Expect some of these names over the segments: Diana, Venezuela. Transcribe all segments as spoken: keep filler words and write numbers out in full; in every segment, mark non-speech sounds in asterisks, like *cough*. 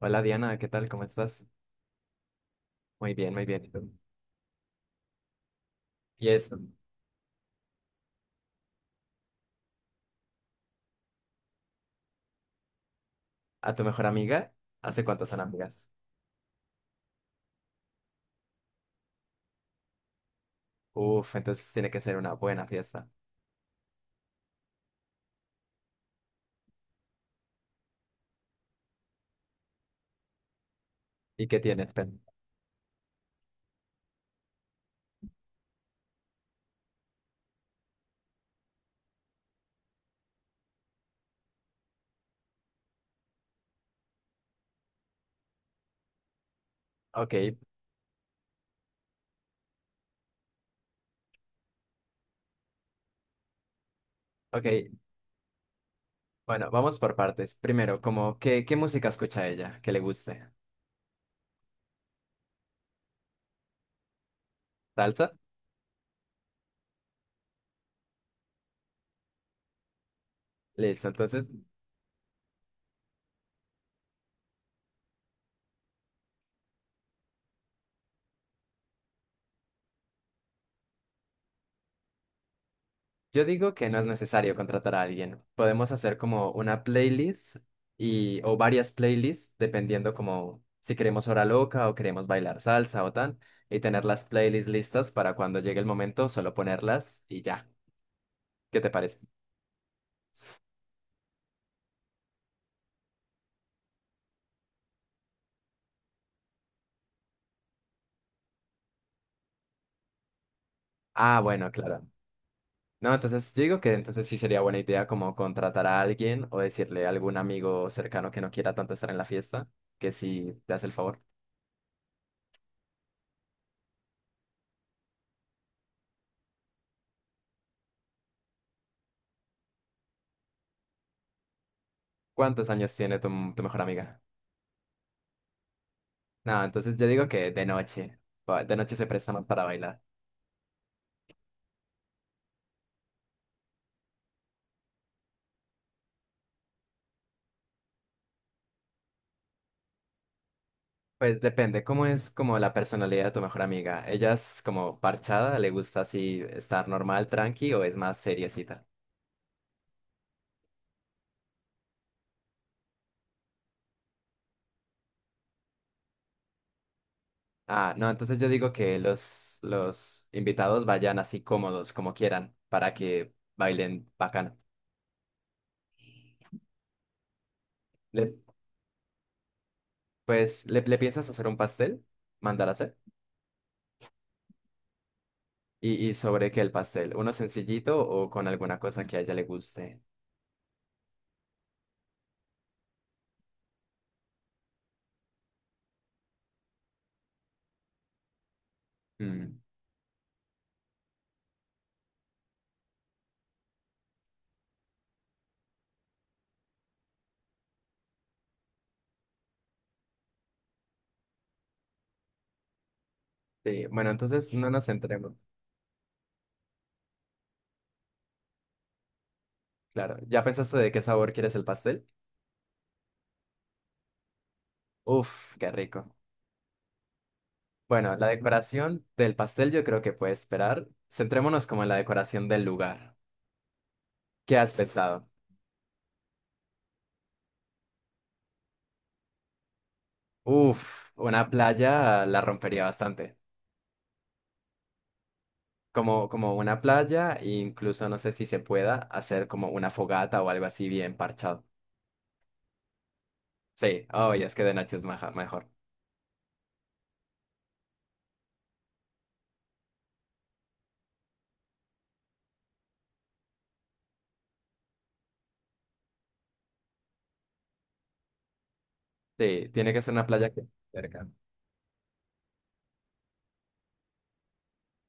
Hola Diana, ¿qué tal? ¿Cómo estás? Muy bien, muy bien. ¿Y tú? Y eso, ¿a tu mejor amiga? ¿Hace cuántos son amigas? Uf, entonces tiene que ser una buena fiesta. ¿Y qué tienes? ¿Pen? Ok, ok. Bueno, vamos por partes. Primero, como, ¿qué, qué música escucha ella? Que le guste. ¿Salsa? Listo, entonces yo digo que no es necesario contratar a alguien. Podemos hacer como una playlist y o varias playlists dependiendo como si queremos hora loca o queremos bailar salsa o tan y tener las playlists listas para cuando llegue el momento solo ponerlas y ya. ¿Qué te parece? Ah, bueno, claro. No, entonces yo digo que entonces sí sería buena idea como contratar a alguien o decirle a algún amigo cercano que no quiera tanto estar en la fiesta, que si te hace el favor. ¿Cuántos años tiene tu, tu mejor amiga? No, entonces yo digo que de noche. pa- De noche se presta más para bailar. Pues depende cómo es como la personalidad de tu mejor amiga. ¿Ella es como parchada? ¿Le gusta así estar normal, tranqui o es más seriecita? Ah, no, entonces yo digo que los, los invitados vayan así cómodos, como quieran, para que bailen bacano. Le- pues, ¿le, le piensas hacer un pastel? ¿Mandar a hacer? ¿Y, y sobre qué el pastel? ¿Uno sencillito o con alguna cosa que a ella le guste? Mm, sí, bueno, entonces no nos centremos. Claro, ¿ya pensaste de qué sabor quieres el pastel? Uf, qué rico. Bueno, la decoración del pastel yo creo que puede esperar. Centrémonos como en la decoración del lugar. ¿Qué has pensado? Uf, una playa la rompería bastante. Como, como una playa, e incluso no sé si se pueda hacer como una fogata o algo así bien parchado. Sí, oh, ya es que de noche es maja- mejor. Sí, tiene que ser una playa que cerca.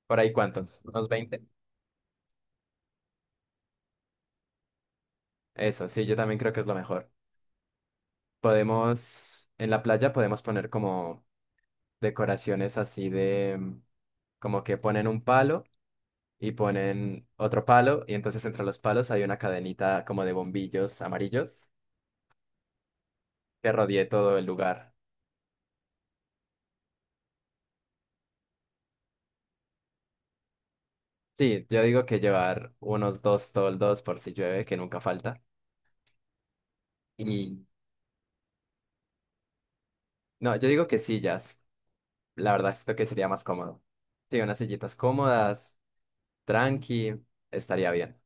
¿Por ahí cuántos? ¿Unos veinte? Eso, sí, yo también creo que es lo mejor. Podemos, en la playa podemos poner como decoraciones así de, mm, como que ponen un palo y ponen otro palo y entonces entre los palos hay una cadenita como de bombillos amarillos que rodee todo el lugar. Sí, yo digo que llevar unos dos toldos por si llueve, que nunca falta. Y no, yo digo que sillas, la verdad esto que sería más cómodo. Sí, unas sillitas cómodas, tranqui, estaría bien.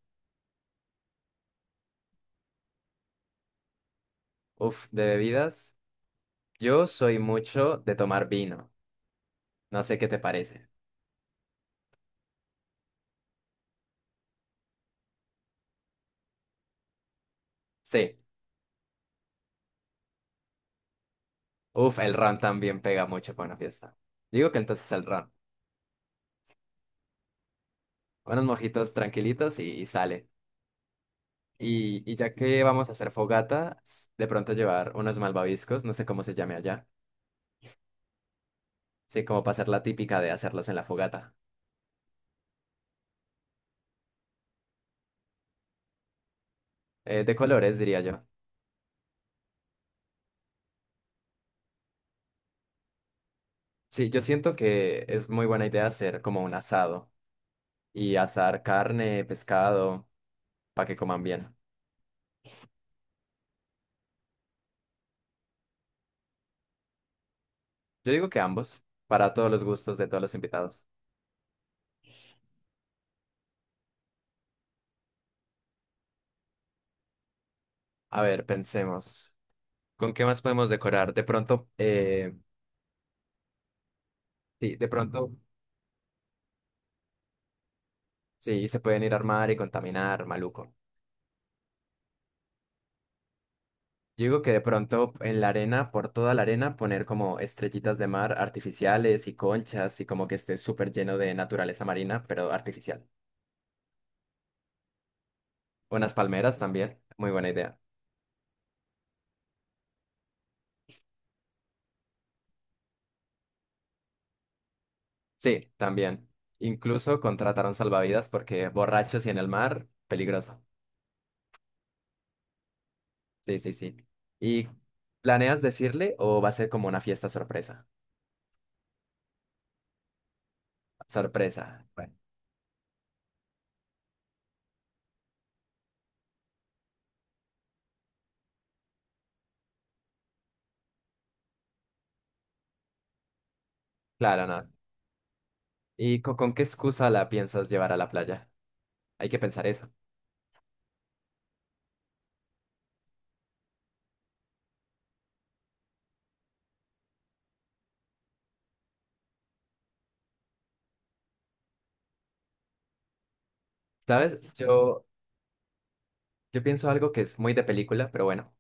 Uf, de bebidas, yo soy mucho de tomar vino. No sé qué te parece. Sí. Uf, el ron también pega mucho con una fiesta. Digo que entonces el ron. Unos mojitos tranquilitos y, y sale. Y, y ya que vamos a hacer fogata, s- de pronto llevar unos malvaviscos, no sé cómo se llame allá. Sí, como para hacer la típica de hacerlos en la fogata. Eh, de colores, diría yo. Sí, yo siento que es muy buena idea hacer como un asado y asar carne, pescado, para que coman bien. Yo digo que ambos, para todos los gustos de todos los invitados. A ver, pensemos. ¿Con qué más podemos decorar? De pronto, eh, sí, de pronto, sí, se pueden ir a armar y contaminar, maluco. Yo digo que de pronto en la arena, por toda la arena, poner como estrellitas de mar artificiales y conchas y como que esté súper lleno de naturaleza marina, pero artificial. Unas palmeras también, muy buena idea. Sí, también. Incluso contrataron salvavidas porque borrachos y en el mar, peligroso. Sí, sí, sí. ¿Y planeas decirle o va a ser como una fiesta sorpresa? Sorpresa. Bueno. Claro, no. ¿Y co- con, qué excusa la piensas llevar a la playa? Hay que pensar eso. ¿Sabes? Yo, yo pienso algo que es muy de película, pero bueno,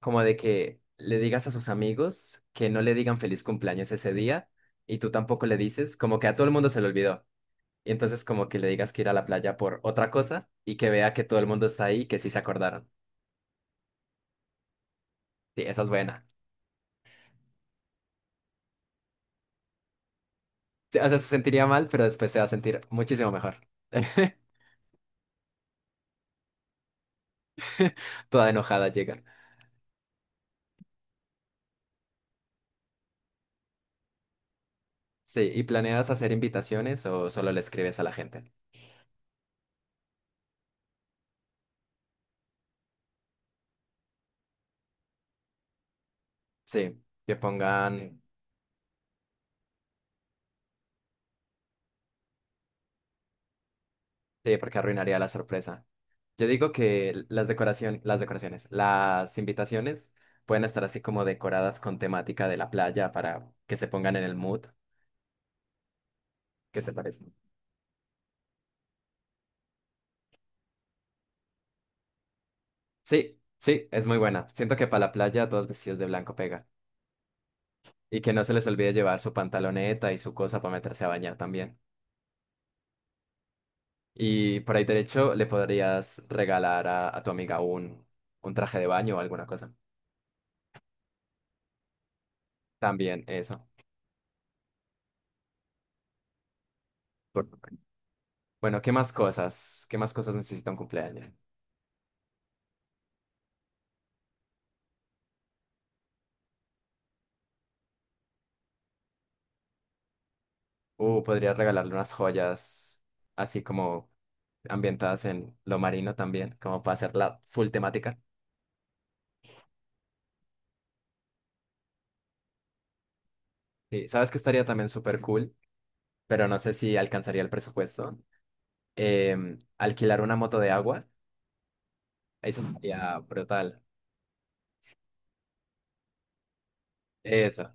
como de que le digas a sus amigos que no le digan feliz cumpleaños ese día y tú tampoco le dices, como que a todo el mundo se le olvidó. Y entonces como que le digas que ir a la playa por otra cosa y que vea que todo el mundo está ahí y que sí se acordaron. Sí, esa es buena. Sí, o sea, se sentiría mal, pero después se va a sentir muchísimo mejor. *laughs* Toda enojada llega. Sí, ¿y planeas hacer invitaciones o solo le escribes a la gente? Sí, que pongan, sí, porque arruinaría la sorpresa. Yo digo que las decoración, las decoraciones, las invitaciones pueden estar así como decoradas con temática de la playa para que se pongan en el mood. ¿Qué te parece? Sí, sí, es muy buena. Siento que para la playa todos vestidos de blanco pega. Y que no se les olvide llevar su pantaloneta y su cosa para meterse a bañar también. Y por ahí derecho le podrías regalar a, a tu amiga un, un traje de baño o alguna cosa. También eso. Bueno, ¿qué más cosas? ¿Qué más cosas necesita un cumpleaños? Uh, podría regalarle unas joyas así como ambientadas en lo marino también, como para hacer la full temática. Sí, sabes que estaría también súper cool, pero no sé si alcanzaría el presupuesto. Em, alquilar una moto de agua, eso sería brutal. Eso,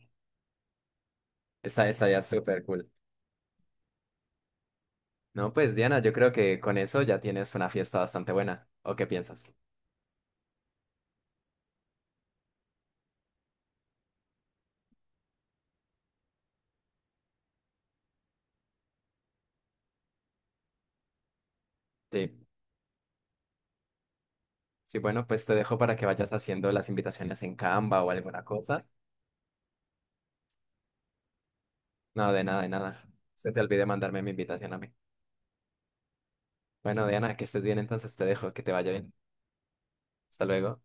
esa estaría súper cool. No, pues Diana, yo creo que con eso ya tienes una fiesta bastante buena. ¿O qué piensas? Sí, sí, bueno, pues te dejo para que vayas haciendo las invitaciones en Canva o alguna cosa. No, de nada, de nada. Se te olvidó mandarme mi invitación a mí. Bueno, Diana, que estés bien, entonces te dejo, que te vaya bien. Hasta luego.